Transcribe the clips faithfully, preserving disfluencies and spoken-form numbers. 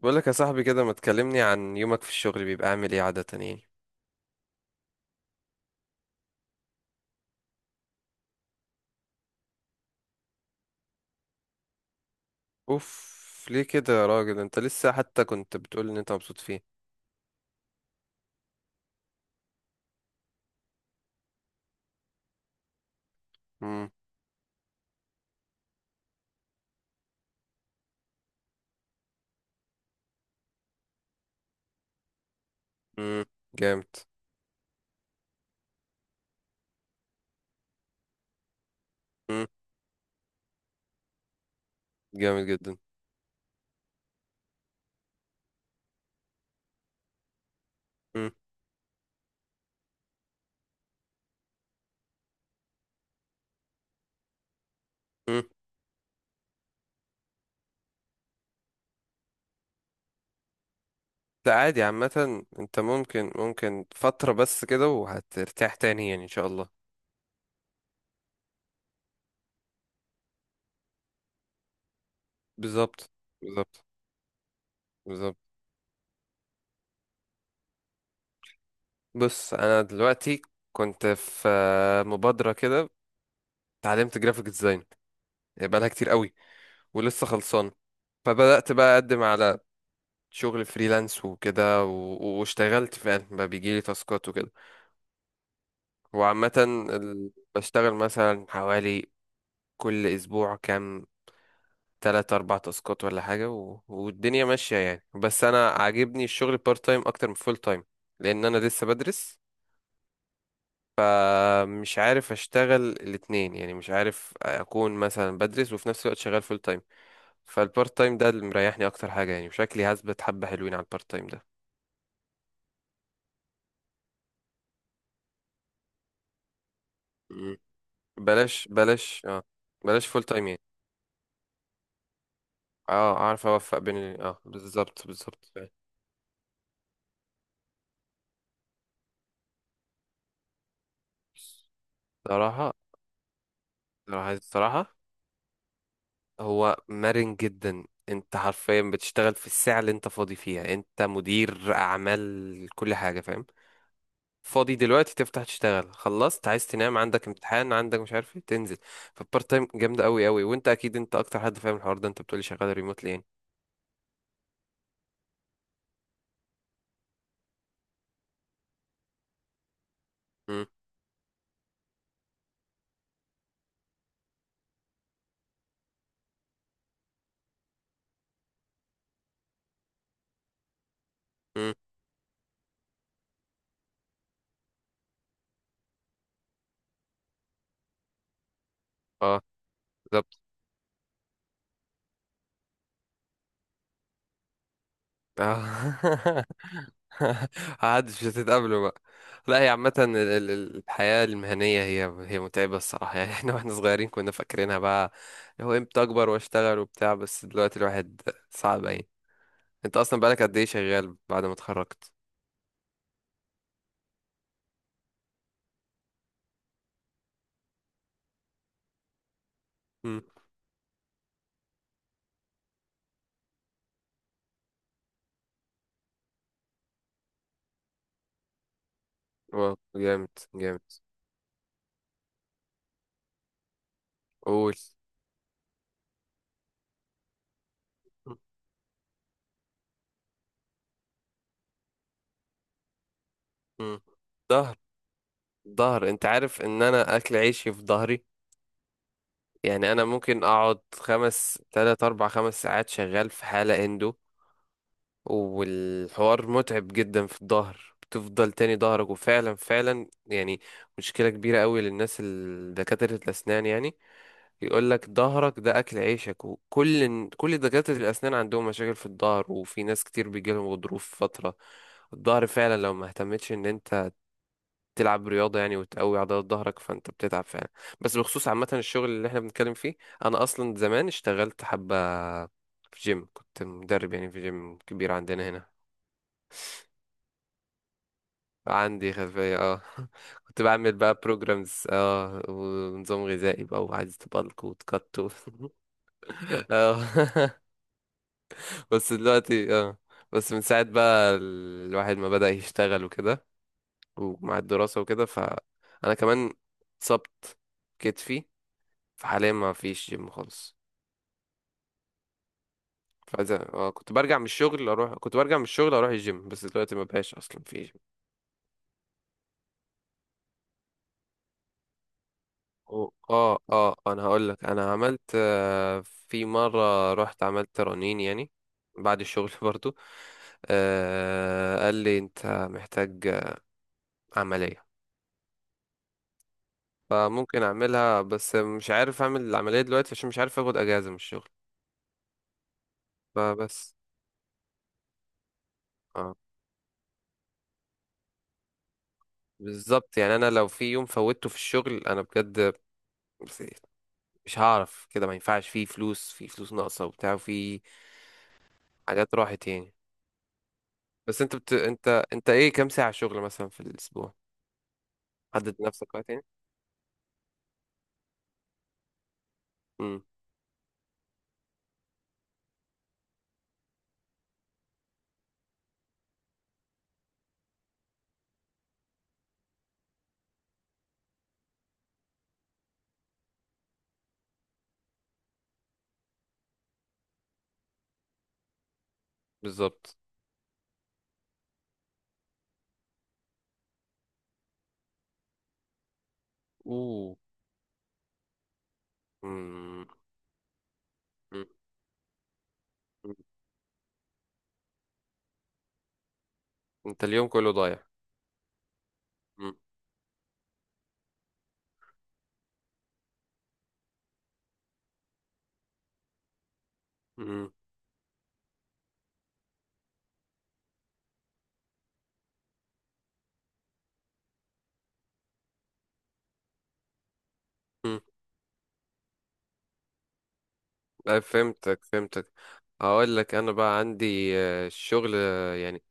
بقول لك يا صاحبي كده ما تكلمني عن يومك في الشغل، بيبقى عامل ايه عادة يعني؟ اوف، ليه كده يا راجل؟ انت لسه حتى كنت بتقول ان انت مبسوط فيه؟ امم. امم. جامد. امم. جامد جدا. امم. امم. ده عادي عامة، انت ممكن ممكن فترة بس كده وهترتاح تاني يعني ان شاء الله. بالظبط. بالظبط. بالظبط. بص، انا دلوقتي كنت في مبادرة كده، اتعلمت جرافيك ديزاين بقالها كتير قوي ولسه خلصان. فبدأت بقى اقدم على شغل فريلانس وكده و- واشتغلت فعلا بقى بيجيلي تاسكات وكده. وعامة ال- بشتغل مثلا حوالي كل أسبوع كام، تلات أربع تاسكات ولا حاجة و... والدنيا ماشية يعني. بس أنا عاجبني الشغل بارت تايم أكتر من فول تايم لأن أنا لسه بدرس. آه، مش عارف أشتغل الاتنين يعني، مش عارف أكون مثلا بدرس وفي نفس الوقت شغال فول تايم. فالبارت تايم ده اللي مريحني أكتر حاجة يعني، وشكلي هثبت حبة حلوين على البارت تايم ده. مم. بلاش بلاش، اه، بلاش فول تايم يعني. اه، اعرف اوفق بين ال- اه بالظبط، بالظبط. صراحة، صراحة، الصراحة. هو مرن جدا، انت حرفيا بتشتغل في الساعة اللي انت فاضي فيها، انت مدير اعمال، كل حاجة فاهم. فاضي دلوقتي تفتح تشتغل، خلصت عايز تنام، عندك امتحان، عندك مش عارف ايه تنزل. فالبارت تايم جامدة قوي قوي، وانت اكيد انت اكتر حد فاهم الحوار ده، انت بتقولي شغال ريموتلي يعني. امم. امم. اه. بالظبط. اه. محدش هتتقابلوا بقى. لا، هي عامة ال- ال- ال- الحياة المهنية هي هي متعبة الصراحة يعني. احنا واحنا صغيرين كنا فاكرينها بقى اللي هو امتى اكبر واشتغل وبتاع، بس دلوقتي الواحد صعب يعني. انت اصلا بقالك قد ايه شغال بعد ما اتخرجت؟ امم. واو. جامد. جامد. قول. امم. ظهر. ظهر، انت عارف ان انا اكل عيشي في ظهري. يعني انا ممكن اقعد خمس، تلات، اربع، خمس ساعات شغال في حالة اندو. والحوار متعب جدا في الظهر، بتفضل تاني ظهرك وفعلا فعلا يعني. مشكلة كبيرة قوي للناس ال- دكاترة الأسنان يعني. يقول لك ظهرك ده أكل عيشك، وكل الن- كل دكاترة الأسنان عندهم مشاكل في الظهر، وفي ناس كتير بيجيلهم غضروف في فترة الظهر فعلا. لو ما اهتمتش ان انت تلعب رياضة يعني وتقوي عضلات ظهرك فانت بتتعب فعلا. بس بخصوص عامة الشغل اللي احنا بنتكلم فيه، انا اصلا زمان اشتغلت حبة في جيم، كنت مدرب يعني في جيم كبير عندنا هنا. عندي خلفية اه. كنت بعمل بقى بروجرامز، اه، ونظام غذائي بقى وعايز تبلك وتكت و- اه. بس دلوقتي اه بس من ساعة بقى الواحد ما بدأ يشتغل وكده ومع الدراسة وكده فأنا كمان اتصبت كتفي. فحاليا ما فيش جيم خالص. فعايز اه كنت برجع من الشغل اروح كنت برجع من الشغل اروح الجيم، بس دلوقتي ما بقاش اصلا في. و- اه اه انا هقول لك، انا عملت آه، في مره رحت عملت رنين يعني بعد الشغل برضو. آه، قال لي انت محتاج عمليه. فممكن اعملها، بس مش عارف اعمل العمليه دلوقتي عشان مش عارف اخد اجازه من الشغل فبس. اه، بالظبط يعني، انا لو في يوم فوتته في الشغل انا بجد مش هعرف كده، ما ينفعش، في فلوس في فلوس ناقصه وبتاع وفي حاجات راحت يعني. بس انت بت... انت انت ايه كام ساعه شغل مثلا في الاسبوع؟ حدد لنفسك وقت يعني. امم. بالظبط. اوه. امم. أمم، أمم. انت اليوم كله ضايع. امم. أمم، أمم. أه، فهمتك فهمتك. هقول لك، انا بقى عندي آه، الشغل، آه، يعني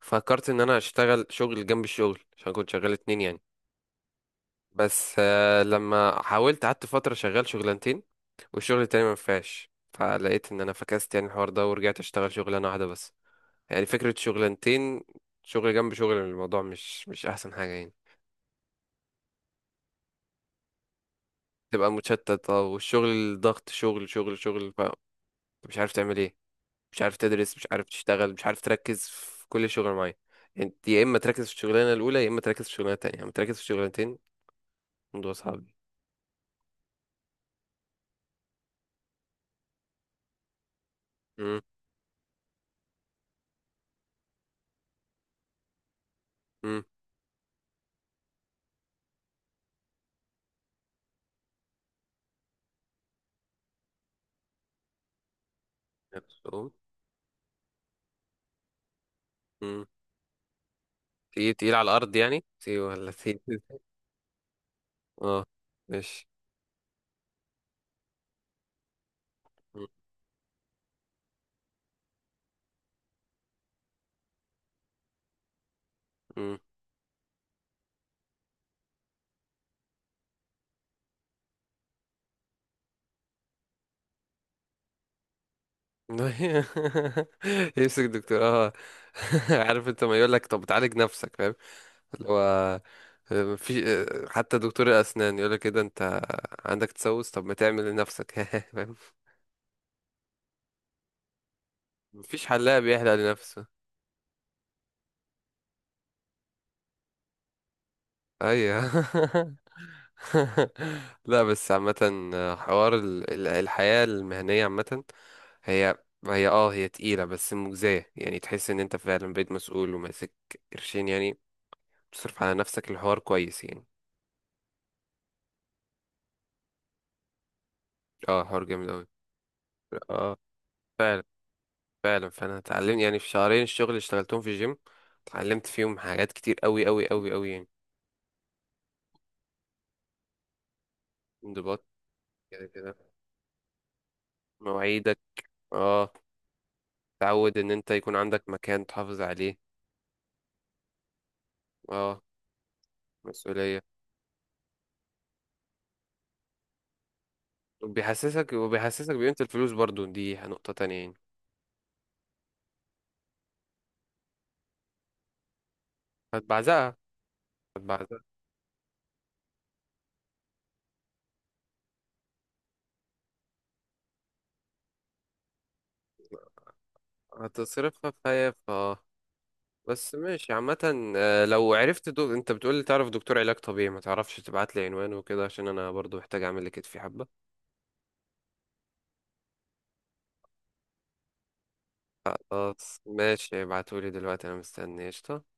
فكرت ان انا اشتغل شغل جنب الشغل عشان كنت شغال اتنين يعني. بس آه، لما حاولت قعدت فترة شغال شغلانتين، والشغل التاني ما نفعش، فلقيت ان انا فكست يعني الحوار ده ورجعت اشتغل شغلانة واحدة بس. يعني فكرة شغلانتين، شغل جنب شغل، الموضوع مش مش احسن حاجة يعني. تبقى متشتت، اه، والشغل ضغط، شغل شغل شغل، ف- مش عارف تعمل ايه، مش عارف تدرس، مش عارف تشتغل، مش عارف تركز في كل شغل معين. انت يا اما تركز في الشغلانه الاولى، يا اما تركز في الشغلانه التانيه، اما تركز في الشغلانتين. الموضوع صعب. امم. امم. نفسهم. امم. تقيل تقيل على الارض يعني، تقيل ولا تقيل؟ اه. ماشي. مم. مم. يمسك دكتور، اه. عارف انت، ما يقول لك طب تعالج نفسك فاهم؟ اللي هو آه، في آه، حتى دكتور الاسنان يقول لك كده، انت عندك تسوس، طب ما تعمل لنفسك فاهم؟ مفيش حلاق بيحلق لنفسه. ايوه. لا، بس عامة آه، حوار ال- ال- الحياة المهنية عامة هي هي اه هي تقيلة بس مجزية يعني، تحس ان انت فعلا بقيت مسؤول وماسك قرشين يعني، تصرف على نفسك الحوار كويس يعني. اه، حوار جامد اوي. اه. فعلا، فعلا، فانا اتعلمت يعني في شهرين الشغل اللي اشتغلتهم في جيم، اتعلمت فيهم حاجات كتير اوي اوي اوي اوي يعني. انضباط، كده كده، مواعيدك، اه، تعود ان انت يكون عندك مكان تحافظ عليه، اه، مسؤولية. وبيحسسك وبيحسسك بقيمة الفلوس برضو، دي نقطة تانية يعني. هتبعزقها، هتبعزقها، هتصرفها في هيف، اه. بس ماشي، عامة آه، لو عرفت دو... انت بتقولي تعرف دكتور علاج طبيعي، ما تعرفش تبعت لي عنوانه وكده عشان انا برضو محتاج اعمل لكتفي حبة. خلاص ماشي، ابعتولي دلوقتي انا مستني قشطة.